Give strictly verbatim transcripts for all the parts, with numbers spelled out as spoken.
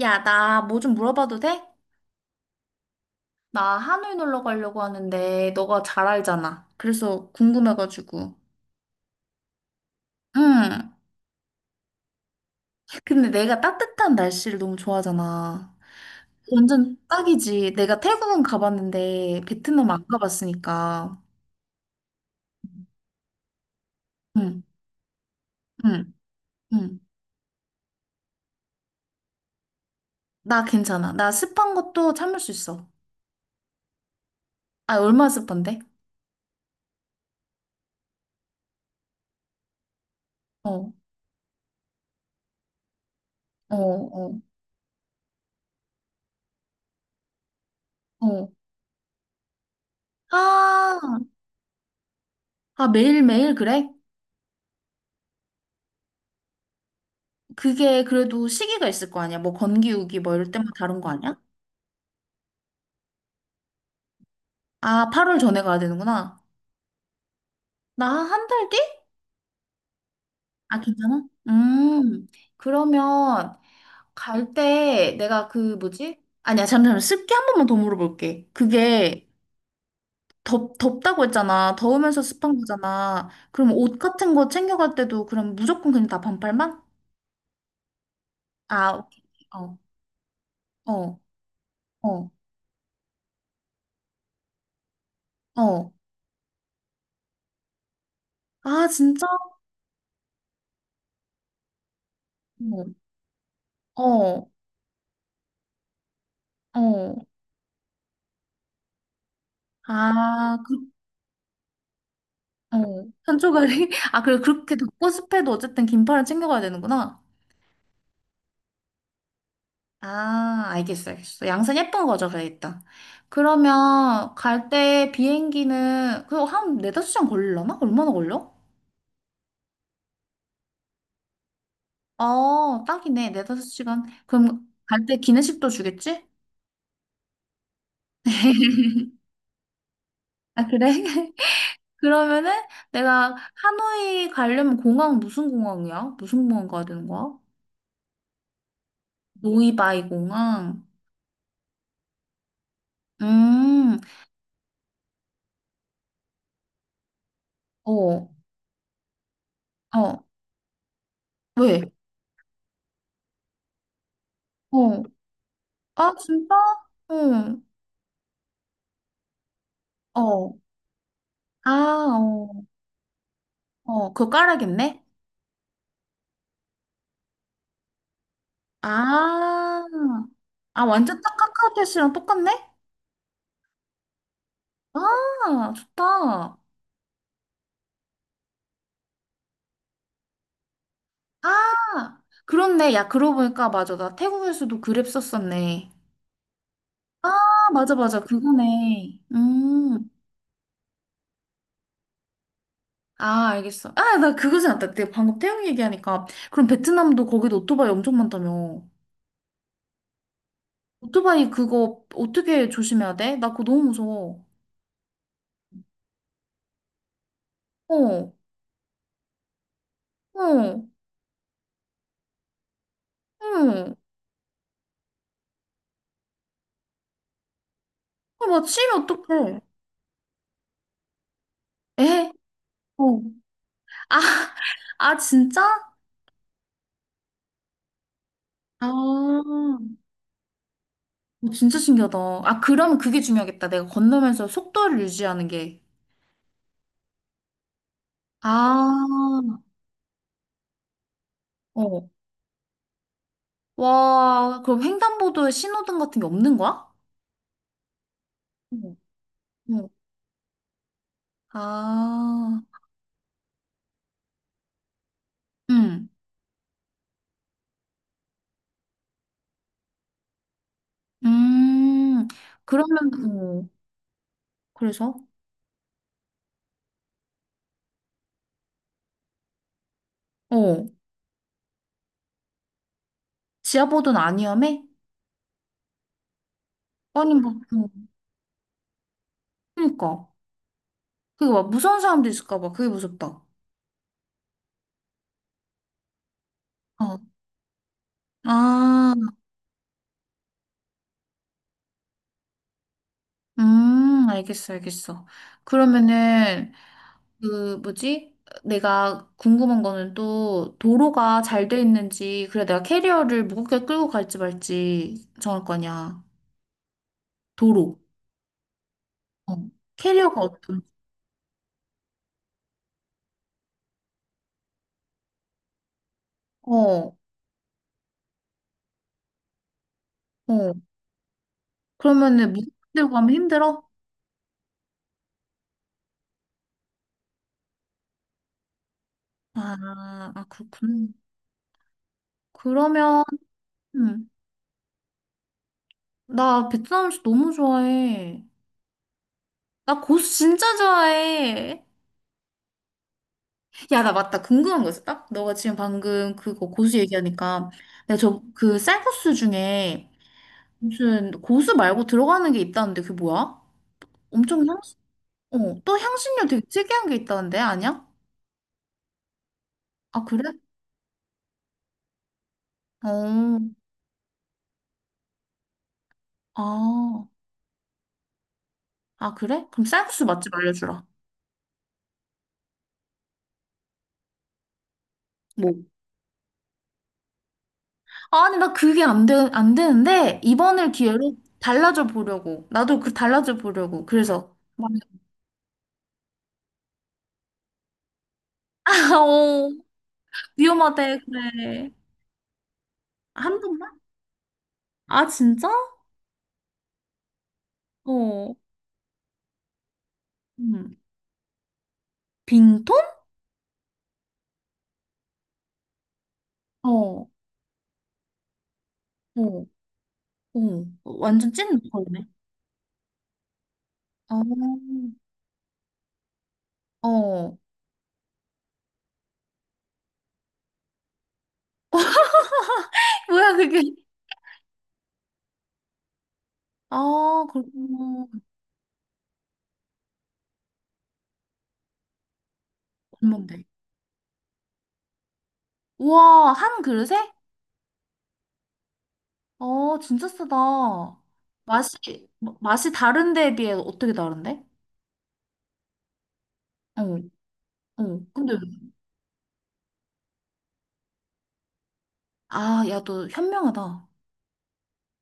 야, 나 뭐 좀 물어봐도 돼? 나 하노이 놀러 가려고 하는데 너가 잘 알잖아. 그래서 궁금해가지고. 응. 근데 내가 따뜻한 날씨를 너무 좋아하잖아. 완전 딱이지. 내가 태국은 가봤는데 베트남 안 가봤으니까. 응, 응, 응. 나 괜찮아. 나 습한 것도 참을 수 있어. 아, 얼마나 습한데? 어, 어, 어, 어. 아, 아, 매일매일 그래? 그게 그래도 시기가 있을 거 아니야? 뭐 건기우기 뭐 이럴 때만 다른 거 아니야? 아, 팔월 전에 가야 되는구나. 나 한 달 뒤? 아, 괜찮아? 음, 그러면 갈 때 내가 그 뭐지? 아니야, 잠시만. 습기 한 번만 더 물어볼게. 그게 덥, 덥다고 했잖아. 더우면서 습한 거잖아. 그럼 옷 같은 거 챙겨갈 때도 그럼 무조건 그냥 다 반팔만? 아, 오케이. 어, 어, 어, 어. 아, 진짜? 어, 어, 어. 아, 그, 어. 한초가리? 아, 그래. 그렇게 덥고 습해도 어쨌든 긴팔을 챙겨가야 되는구나. 아, 알겠어, 알겠어. 양산 예쁜 거죠, 그래야겠다. 그러면 갈 때 비행기는 그거 한 네다섯 시간 걸리려나? 얼마나 걸려? 어, 딱이네. 네다섯 시간. 그럼 갈 때 기내식도 주겠지? 아, 그래? 그러면은 내가 하노이 가려면 공항 무슨 공항이야? 무슨 공항 가야 되는 거야? 노이바이 공항. 음, 어, 어, 왜? 어, 아, 진짜? 응, 어, 아, 어. 어, 그거 깔아야겠네? 아, 아, 완전 딱 카카오톡씨랑 똑같네? 아, 좋다. 아, 그렇네. 야, 그러고 보니까 맞아. 나 태국에서도 그랩 썼었네. 아, 맞아, 맞아. 그거네. 음. 아, 알겠어. 아, 나 그거 생각났다. 내가 방금 태국 얘기하니까. 그럼 베트남도 거기도 오토바이 엄청 많다며. 오토바이 그거 어떻게 조심해야 돼? 나 그거 너무 무서워. 어, 어, 어 어, 막 치면 어떡해. 에? 어. 아, 아, 진짜? 아, 어, 진짜 신기하다. 아, 그러면 그게 중요하겠다. 내가 건너면서 속도를 유지하는 게. 아, 어. 와, 그럼 횡단보도에 신호등 같은 게 없는 거야? 응. 응. 아, 응. 음, 그러면, 어, 그래서? 어, 지하보도는 아니야매? 아니, 뭐, 어. 그니까. 그게 막 무서운 사람도 있을까 봐. 그게 무섭다. 어. 아. 음, 알겠어, 알겠어. 그러면은, 그, 뭐지? 내가 궁금한 거는 또, 도로가 잘 돼 있는지, 그래, 내가 캐리어를 무겁게 끌고 갈지 말지 정할 거냐. 도로. 어. 캐리어가 어떤, 어, 어. 그러면은, 무겁게 들고 가면 힘들어? 아, 아, 그렇군. 그러면, 음, 나 베트남 음식 너무 좋아해. 나 고수 진짜 좋아해. 야, 나 맞다. 궁금한 거 있어. 딱 너가 지금 방금 그거 고수 얘기하니까 내가 저 그 쌀국수 중에 무슨 고수 말고 들어가는 게 있다는데 그게 뭐야? 엄청 향, 어, 또 향신료 되게 특이한 게 있다는데 아니야? 아, 그래? 어, 아, 아, 그래? 그럼 쌀국수 맛집 알려주라. 뭐? 아니, 나 그게 안 되, 안 되는데 이번을 기회로 달라져 보려고. 나도 그 달라져 보려고. 그래서. 막- 어, 위험하대, 그래. 한 번만? 아, 진짜? 어, 음. 빙톤? 어, 어, 어. 완전 찐 보컬이네. 어, 어. 뭐야, 그게? 아, 그렇구나. 얼만데? 우와, 한 그릇에? 어, 진짜 싸다. 맛이, 마- 맛이 다른 데에 비해 어떻게 다른데? 어, 어. 근데, 아, 야, 너 현명하다.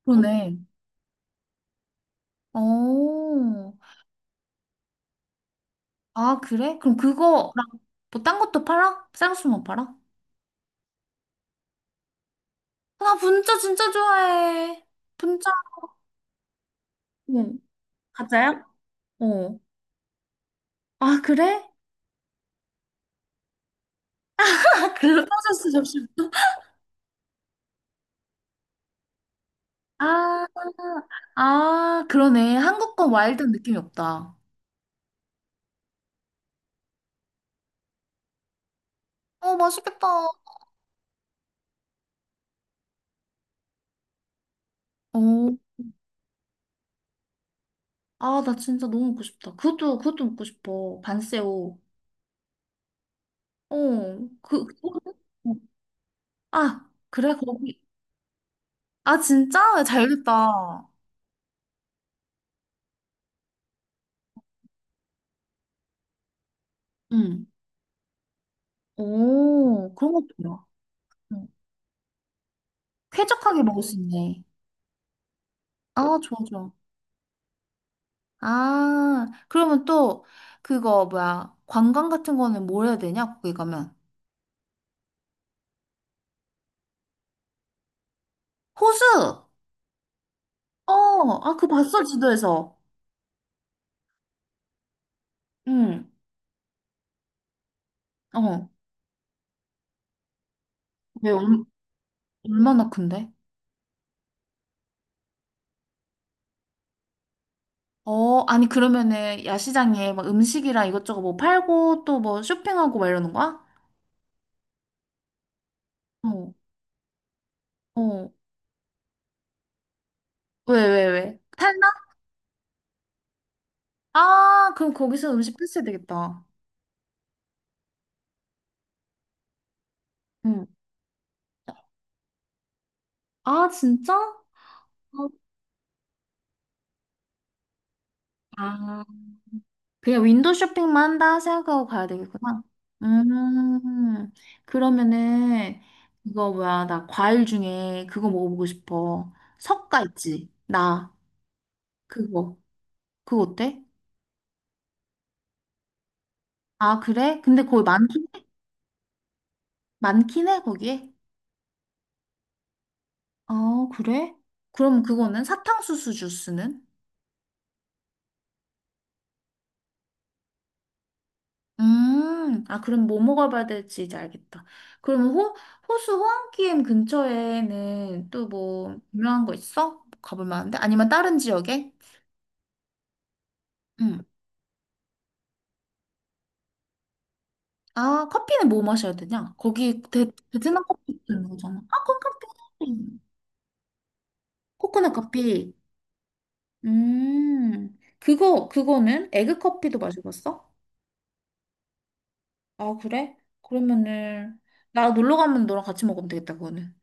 그러네. 어, 아, 그래? 그럼 그거랑 뭐 딴 것도 팔아? 쌍수만 팔아? 나 분짜 진짜 좋아해. 분짜 어, 가짜야? 어. 아, 그래? 아, 글로 버졌어 잠시만. 아, 아, 그러네. 한국 건 와일드한 느낌이 없다. 어, 맛있겠다. 어, 아, 나 진짜 너무 먹고 싶다. 그것도, 그것도 먹고 싶어. 반새오 어, 그, 그거는? 어. 아, 그래, 거기. 아, 진짜? 잘 됐다. 응. 오, 그런 것도 좋아. 응. 쾌적하게 먹을 수 있네. 아, 좋아, 좋아. 아, 그러면 또 그거 뭐야? 관광 같은 거는 뭘 해야 되냐? 거기 가면. 호수! 어, 아, 그거 봤어, 지도에서. 응, 어. 왜, 얼- 얼마나 큰데? 어, 아니, 그러면은 야시장에 막 음식이랑 이것저것 뭐 팔고 또 뭐 쇼핑하고 막 이러는 거야? 어, 어. 왜, 왜, 왜? 탈나? 아, 그럼 거기서 음식 패스해야 되겠다. 응. 아, 진짜? 어. 아. 그냥 윈도우 쇼핑만 한다 생각하고 가야 되겠구나. 음, 그러면은, 이거 뭐야, 나 과일 중에 그거 먹어보고 싶어. 석가 있지? 나, 그거. 그거 어때? 아, 그래? 근데 거기 많긴 해? 많긴 해, 거기에? 어, 그래? 그럼 그거는? 사탕수수 주스는? 음, 아, 그럼 뭐 먹어봐야 될지 이제 알겠다. 그럼 호, 호수 호안기엠 근처에는 또 뭐, 유명한 거 있어? 가볼 만한데? 아니면 다른 지역에? 응. 아, 커피는 뭐 마셔야 되냐? 거기 베, 베트남 커피 있는 거잖아. 아, 코코넛 커피. 코코넛 커피. 음, 그거, 그거는? 에그 커피도 마셔봤어? 아, 그래? 그러면은, 나 놀러 가면 너랑 같이 먹으면 되겠다, 그거는.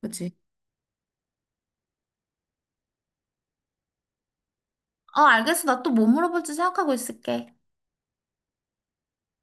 그치? 어, 알겠어. 나 또 뭐 물어볼지 생각하고 있을게.